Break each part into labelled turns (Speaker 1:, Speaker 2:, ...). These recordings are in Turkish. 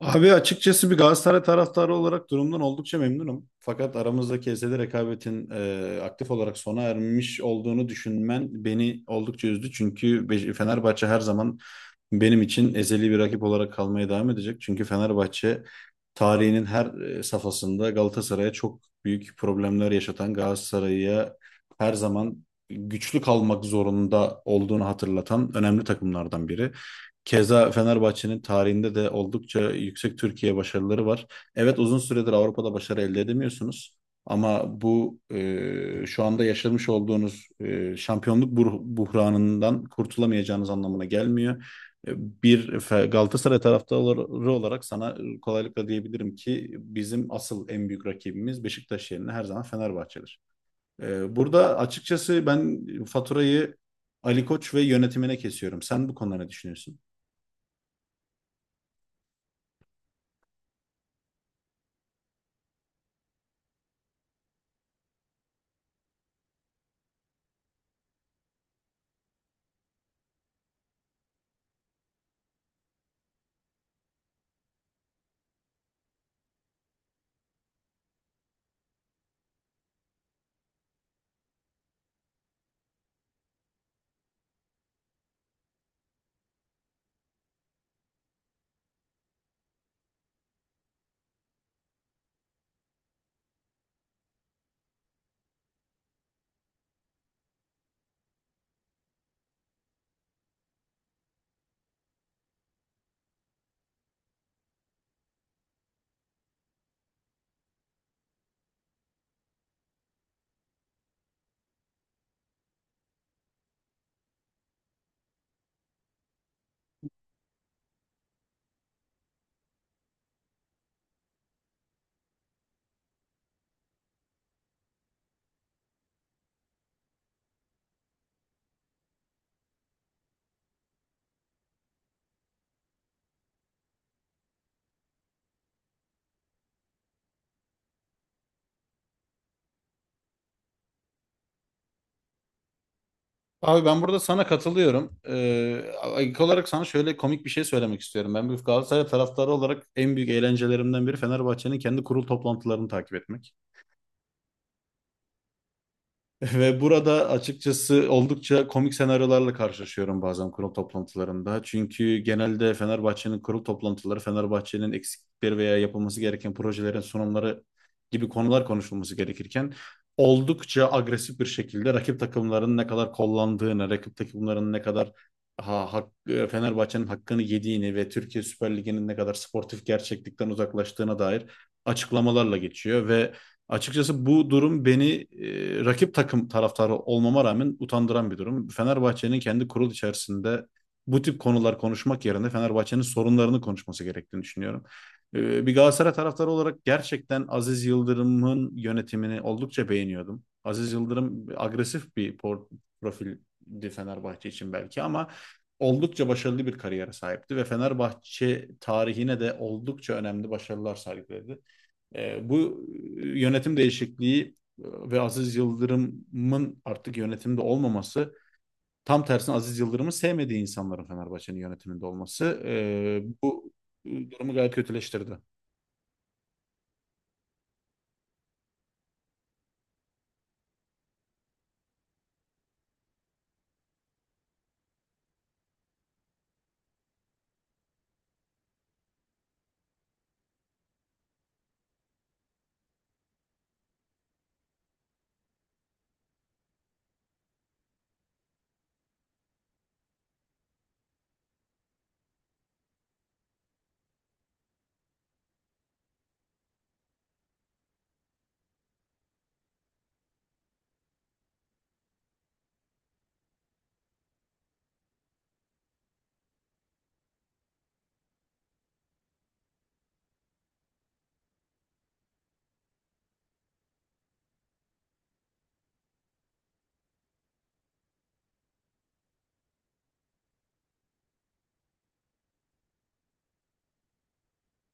Speaker 1: Abi açıkçası bir Galatasaray taraftarı olarak durumdan oldukça memnunum. Fakat aramızdaki ezeli rekabetin aktif olarak sona ermiş olduğunu düşünmen beni oldukça üzdü. Çünkü Fenerbahçe her zaman benim için ezeli bir rakip olarak kalmaya devam edecek. Çünkü Fenerbahçe tarihinin her safhasında Galatasaray'a çok büyük problemler yaşatan, Galatasaray'a her zaman güçlü kalmak zorunda olduğunu hatırlatan önemli takımlardan biri. Keza Fenerbahçe'nin tarihinde de oldukça yüksek Türkiye başarıları var. Evet, uzun süredir Avrupa'da başarı elde edemiyorsunuz ama bu şu anda yaşamış olduğunuz şampiyonluk buhranından kurtulamayacağınız anlamına gelmiyor. E, Bir Galatasaray taraftarı olarak sana kolaylıkla diyebilirim ki bizim asıl en büyük rakibimiz Beşiktaş yerine her zaman Fenerbahçe'dir. Burada açıkçası ben faturayı Ali Koç ve yönetimine kesiyorum. Sen bu konuda ne düşünüyorsun? Abi ben burada sana katılıyorum. İlk olarak sana şöyle komik bir şey söylemek istiyorum. Ben bir Galatasaray taraftarı olarak en büyük eğlencelerimden biri Fenerbahçe'nin kendi kurul toplantılarını takip etmek. Ve burada açıkçası oldukça komik senaryolarla karşılaşıyorum bazen kurul toplantılarında. Çünkü genelde Fenerbahçe'nin kurul toplantıları, Fenerbahçe'nin eksiklikleri veya yapılması gereken projelerin sunumları gibi konular konuşulması gerekirken oldukça agresif bir şekilde rakip takımların ne kadar kollandığını, rakip takımların ne kadar Fenerbahçe'nin hakkını yediğini ve Türkiye Süper Ligi'nin ne kadar sportif gerçeklikten uzaklaştığına dair açıklamalarla geçiyor. Ve açıkçası bu durum beni rakip takım taraftarı olmama rağmen utandıran bir durum. Fenerbahçe'nin kendi kurul içerisinde bu tip konular konuşmak yerine Fenerbahçe'nin sorunlarını konuşması gerektiğini düşünüyorum. Bir Galatasaray taraftarı olarak gerçekten Aziz Yıldırım'ın yönetimini oldukça beğeniyordum. Aziz Yıldırım agresif bir profildi Fenerbahçe için belki ama oldukça başarılı bir kariyere sahipti ve Fenerbahçe tarihine de oldukça önemli başarılar sergiledi. E, bu Yönetim değişikliği e, ve Aziz Yıldırım'ın artık yönetimde olmaması, tam tersine Aziz Yıldırım'ı sevmediği insanların Fenerbahçe'nin yönetiminde olması, durumu gayet kötüleştirdi.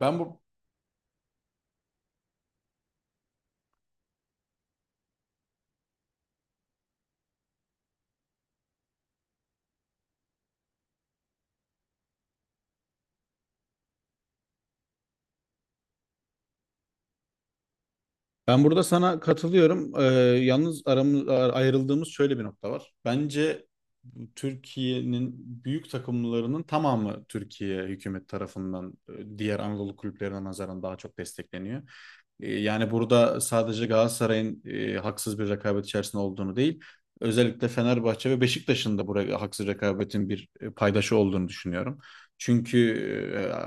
Speaker 1: Ben bu Ben burada sana katılıyorum. Yalnız ayrıldığımız şöyle bir nokta var. Bence Türkiye'nin büyük takımlarının tamamı Türkiye hükümet tarafından diğer Anadolu kulüplerine nazaran daha çok destekleniyor. Yani burada sadece Galatasaray'ın haksız bir rekabet içerisinde olduğunu değil, özellikle Fenerbahçe ve Beşiktaş'ın da buraya haksız rekabetin bir paydaşı olduğunu düşünüyorum. Çünkü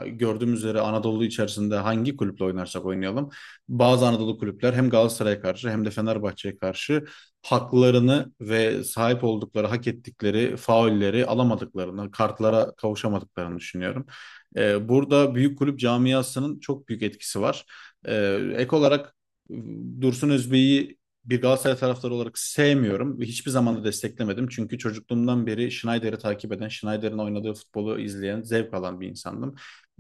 Speaker 1: gördüğümüz üzere Anadolu içerisinde hangi kulüple oynarsak oynayalım bazı Anadolu kulüpler hem Galatasaray'a karşı hem de Fenerbahçe'ye karşı haklarını ve sahip oldukları, hak ettikleri faulleri alamadıklarını, kartlara kavuşamadıklarını düşünüyorum. Burada büyük kulüp camiasının çok büyük etkisi var. Ek olarak Dursun Özbey'i bir Galatasaray taraftarı olarak sevmiyorum ve hiçbir zaman da desteklemedim. Çünkü çocukluğumdan beri Schneider'i takip eden, Schneider'in oynadığı futbolu izleyen, zevk alan bir insandım.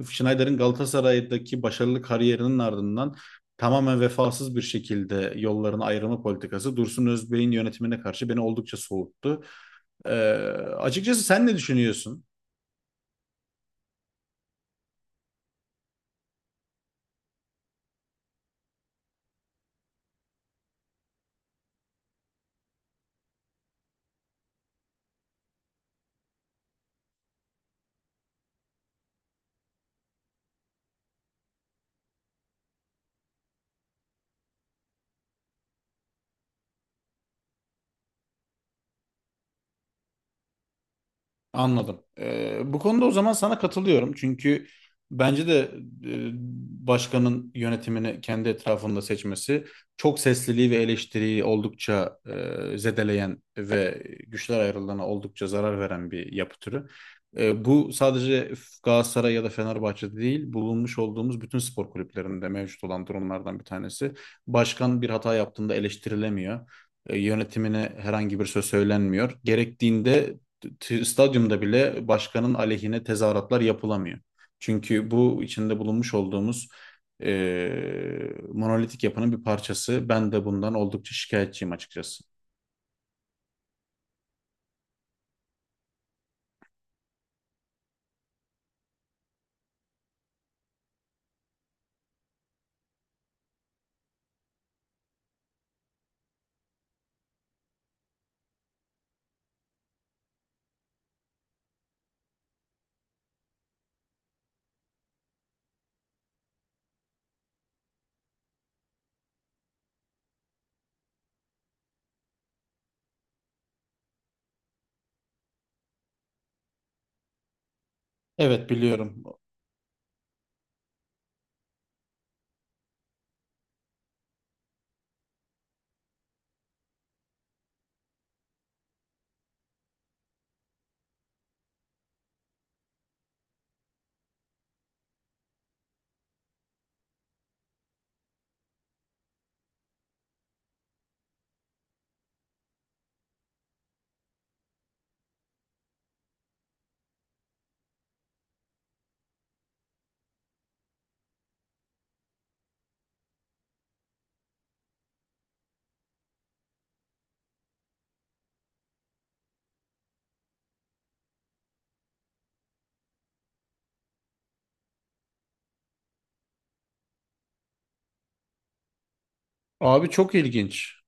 Speaker 1: Schneider'in Galatasaray'daki başarılı kariyerinin ardından tamamen vefasız bir şekilde yollarını ayırma politikası Dursun Özbey'in yönetimine karşı beni oldukça soğuttu. Ee, Açıkçası sen ne düşünüyorsun? Anladım. Bu konuda o zaman sana katılıyorum. Çünkü bence de e, başkanın yönetimini kendi etrafında seçmesi çok sesliliği ve eleştiriyi oldukça zedeleyen ve güçler ayrılığına oldukça zarar veren bir yapı türü. Bu sadece Galatasaray ya da Fenerbahçe'de değil, bulunmuş olduğumuz bütün spor kulüplerinde mevcut olan durumlardan bir tanesi. Başkan bir hata yaptığında eleştirilemiyor. Yönetimine herhangi bir söz söylenmiyor. Gerektiğinde stadyumda bile başkanın aleyhine tezahüratlar yapılamıyor. Çünkü bu içinde bulunmuş olduğumuz monolitik yapının bir parçası. Ben de bundan oldukça şikayetçiyim açıkçası. Evet, biliyorum. Abi çok ilginç.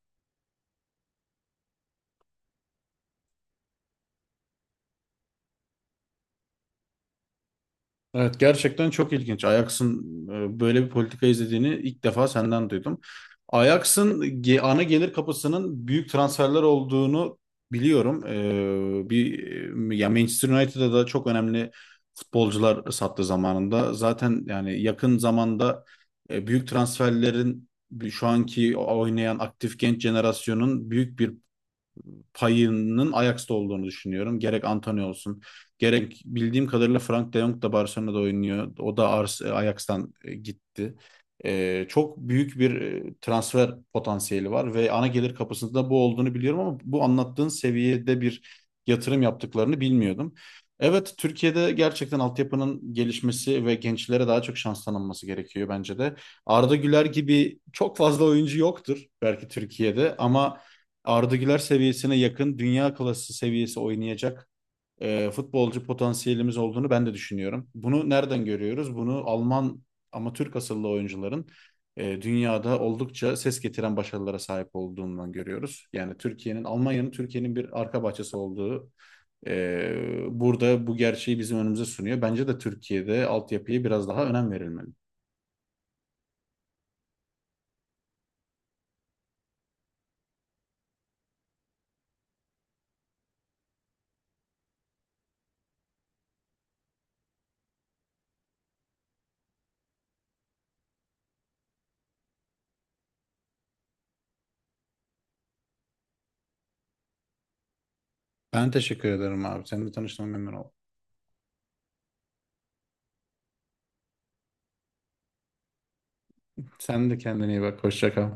Speaker 1: Evet, gerçekten çok ilginç. Ajax'ın böyle bir politika izlediğini ilk defa senden duydum. Ana gelir kapısının büyük transferler olduğunu biliyorum. Ya, Manchester United'da da çok önemli futbolcular sattı zamanında. Zaten yani yakın zamanda büyük transferlerin şu anki oynayan aktif genç jenerasyonun büyük bir payının Ajax'ta olduğunu düşünüyorum. Gerek Antonio olsun, gerek bildiğim kadarıyla Frank de Jong da Barcelona'da oynuyor. O da Ajax'tan gitti. Çok büyük bir transfer potansiyeli var ve ana gelir kapısında bu olduğunu biliyorum ama bu anlattığın seviyede bir yatırım yaptıklarını bilmiyordum. Evet, Türkiye'de gerçekten altyapının gelişmesi ve gençlere daha çok şans tanınması gerekiyor bence de. Arda Güler gibi çok fazla oyuncu yoktur belki Türkiye'de ama Arda Güler seviyesine yakın dünya klası seviyesi oynayacak futbolcu potansiyelimiz olduğunu ben de düşünüyorum. Bunu nereden görüyoruz? Bunu Alman ama Türk asıllı oyuncuların dünyada oldukça ses getiren başarılara sahip olduğundan görüyoruz. Yani Türkiye'nin, Almanya'nın Türkiye'nin bir arka bahçesi olduğu, burada bu gerçeği bizim önümüze sunuyor. Bence de Türkiye'de altyapıya biraz daha önem verilmeli. Ben teşekkür ederim abi. Seninle tanıştığıma memnun oldum. Sen de kendine iyi bak. Hoşça kal.